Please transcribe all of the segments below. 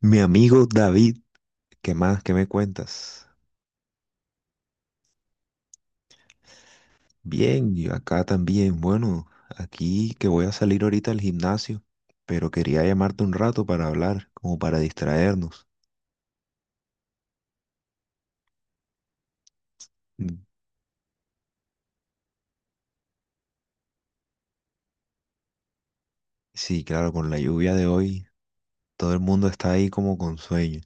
Mi amigo David, ¿qué más? ¿Qué me cuentas? Bien, yo acá también. Bueno, aquí que voy a salir ahorita al gimnasio, pero quería llamarte un rato para hablar, como para distraernos. Mm. Sí, claro, con la lluvia de hoy, todo el mundo está ahí como con sueño.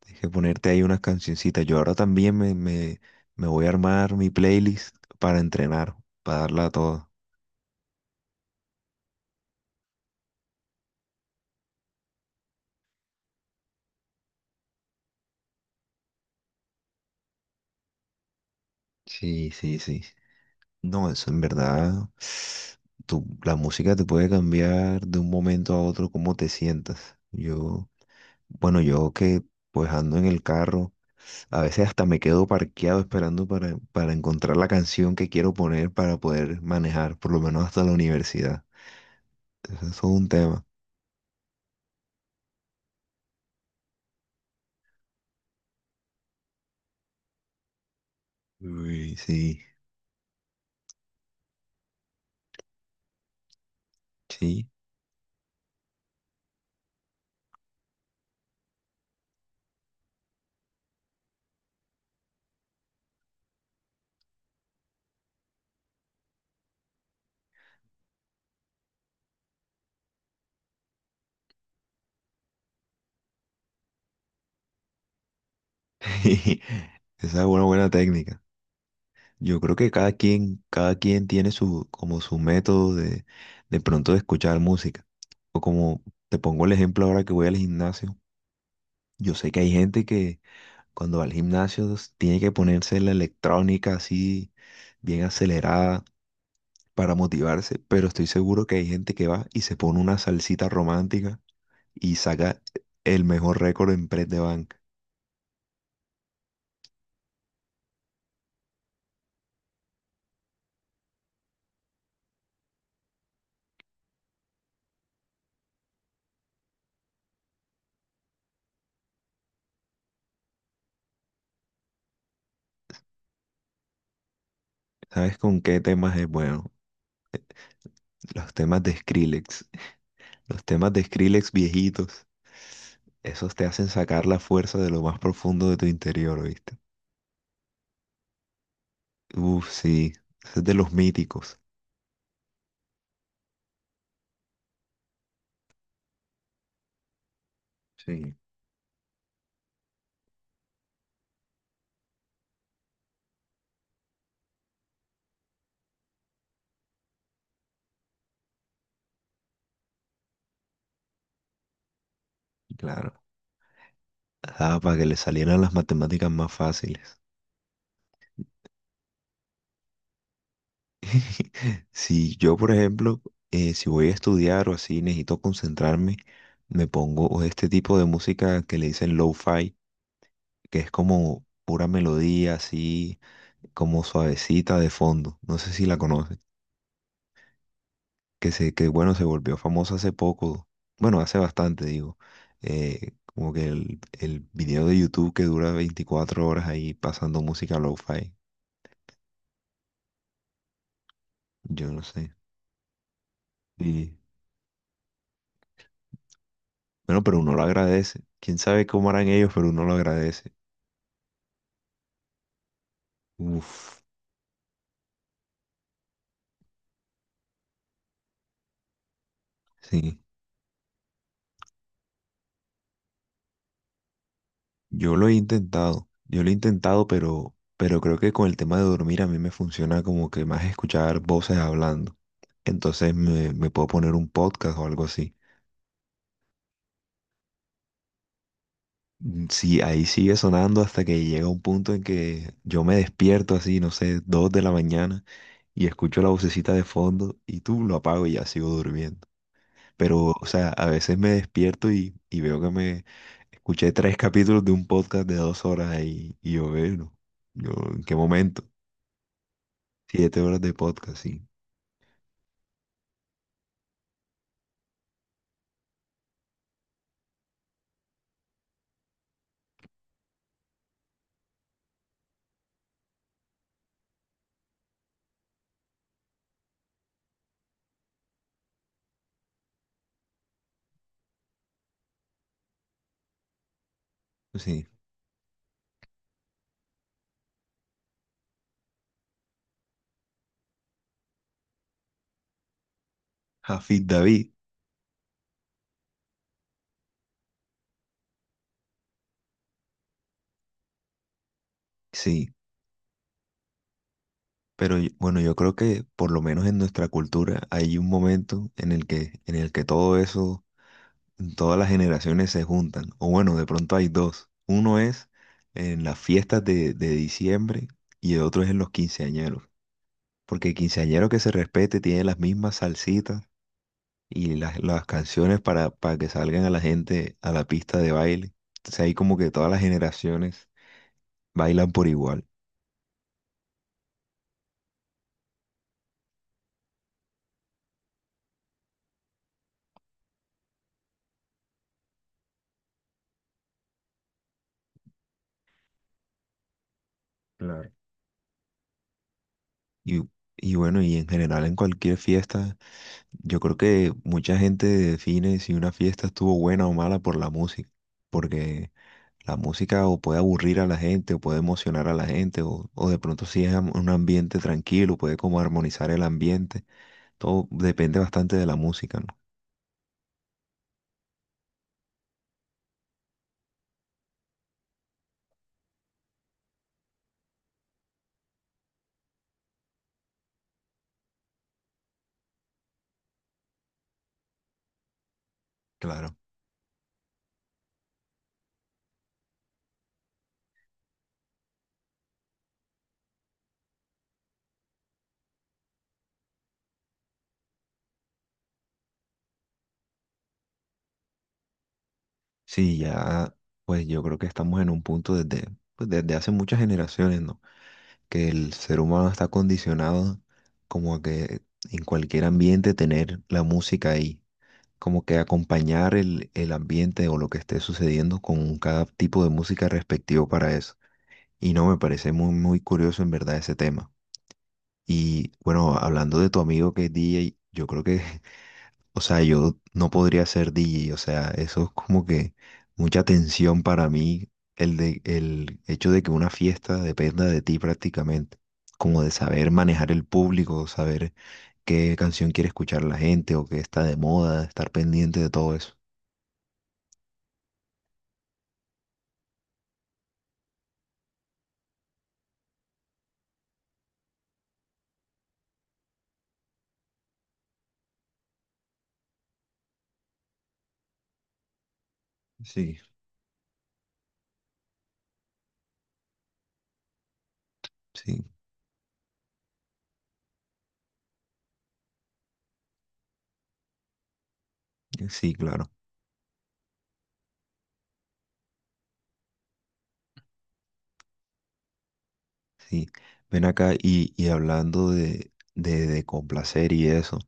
Tienes que ponerte ahí unas cancioncitas. Yo ahora también me voy a armar mi playlist para entrenar, para darla a toda. Sí, sí, sí. No, eso en verdad, la música te puede cambiar de un momento a otro cómo te sientas. Yo, bueno, yo que pues ando en el carro, a veces hasta me quedo parqueado esperando para encontrar la canción que quiero poner para poder manejar, por lo menos hasta la universidad. Eso es todo un tema. Uy, sí, sí. Esa es una buena técnica. Yo creo que cada quien tiene su, como su método de pronto de escuchar música. O como te pongo el ejemplo ahora que voy al gimnasio. Yo sé que hay gente que cuando va al gimnasio tiene que ponerse la electrónica así bien acelerada para motivarse, pero estoy seguro que hay gente que va y se pone una salsita romántica y saca el mejor récord en press de banca. ¿Sabes con qué temas es bueno? Los temas de Skrillex, los temas de Skrillex viejitos. Esos te hacen sacar la fuerza de lo más profundo de tu interior, ¿oíste? Uf, sí, ese es de los míticos. Sí, claro. Ah, para que le salieran las matemáticas más fáciles. Si yo, por ejemplo, si voy a estudiar o así, necesito concentrarme, me pongo este tipo de música que le dicen lo-fi, que es como pura melodía, así como suavecita de fondo. No sé si la conoces. Que se, que bueno, se volvió famoso hace poco, bueno, hace bastante, digo, como que el video de YouTube que dura 24 horas ahí pasando música lo-fi, yo no sé. Y bueno, pero uno lo agradece. Quién sabe cómo harán ellos, pero uno lo agradece. Uf, sí. Yo lo he intentado, yo lo he intentado, pero creo que con el tema de dormir a mí me funciona como que más escuchar voces hablando. Entonces me puedo poner un podcast o algo así. Mm, sí, ahí sigue sonando hasta que llega un punto en que yo me despierto así, no sé, 2 de la mañana y escucho la vocecita de fondo y tú lo apago y ya sigo durmiendo. Pero, o sea, a veces me despierto y veo que me escuché tres capítulos de un podcast de 2 horas ahí y yo veo, yo, ¿en qué momento? 7 horas de podcast, sí. Sí. Jafid David, sí. Pero bueno, yo creo que por lo menos en nuestra cultura hay un momento en el que todo eso, todas las generaciones se juntan, o bueno, de pronto hay dos. Uno es en las fiestas de diciembre y el otro es en los quinceañeros, porque el quinceañero que se respete tiene las mismas salsitas y las canciones para que salgan a la gente a la pista de baile. Entonces ahí como que todas las generaciones bailan por igual. Claro. Y, y bueno, y en general en cualquier fiesta, yo creo que mucha gente define si una fiesta estuvo buena o mala por la música, porque la música o puede aburrir a la gente, o puede emocionar a la gente, o de pronto si es un ambiente tranquilo, puede como armonizar el ambiente. Todo depende bastante de la música, ¿no? Claro. Sí, ya, pues yo creo que estamos en un punto desde, pues, desde hace muchas generaciones, ¿no? Que el ser humano está condicionado como a que en cualquier ambiente tener la música ahí, como que acompañar el ambiente o lo que esté sucediendo con cada tipo de música respectivo para eso. Y no, me parece muy, muy curioso en verdad ese tema. Y bueno, hablando de tu amigo que es DJ, yo creo que, o sea, yo no podría ser DJ, o sea, eso es como que mucha tensión para mí, el hecho de que una fiesta dependa de ti prácticamente, como de saber manejar el público, saber qué canción quiere escuchar la gente o qué está de moda, estar pendiente de todo eso. Sí, sí, sí, claro. Sí, ven acá y hablando de complacer y eso,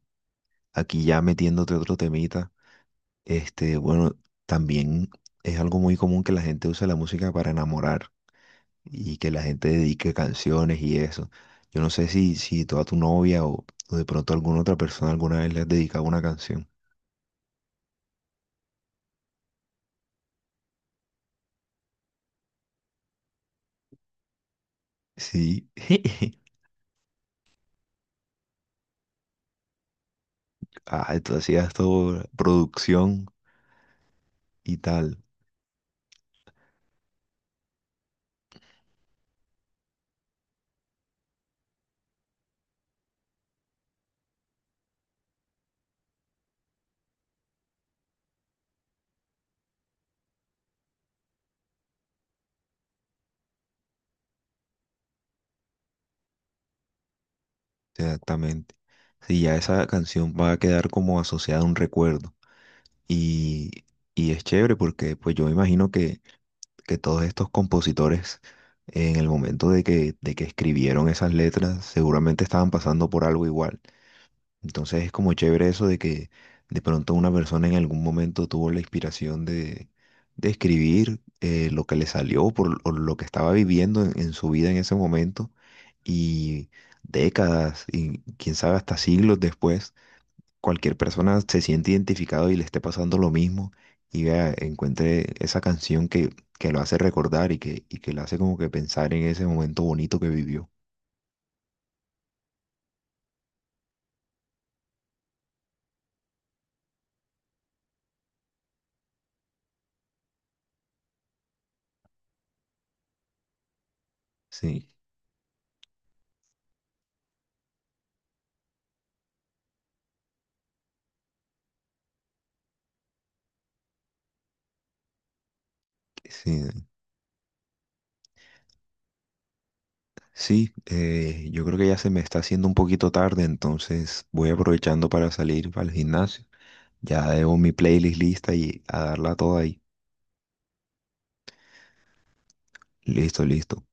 aquí ya metiéndote otro temita, este, bueno, también es algo muy común que la gente use la música para enamorar y que la gente dedique canciones y eso. Yo no sé si tú a tu novia o de pronto a alguna otra persona alguna vez le has dedicado una canción. Sí, ah, tú hacías todo producción y tal, exactamente. Sí, ya esa canción va a quedar como asociada a un recuerdo. Y, y es chévere porque pues yo me imagino que todos estos compositores en el momento de que escribieron esas letras seguramente estaban pasando por algo igual. Entonces es como chévere eso de que de pronto una persona en algún momento tuvo la inspiración de escribir lo que le salió por, o lo que estaba viviendo en su vida en ese momento y décadas y quién sabe hasta siglos después cualquier persona se siente identificado y le esté pasando lo mismo y vea, encuentre esa canción que lo hace recordar y que lo hace como que pensar en ese momento bonito que vivió. Sí, sí, sí, yo creo que ya se me está haciendo un poquito tarde, entonces voy aprovechando para salir al gimnasio. Ya debo mi playlist lista y a darla toda ahí. Listo, listo.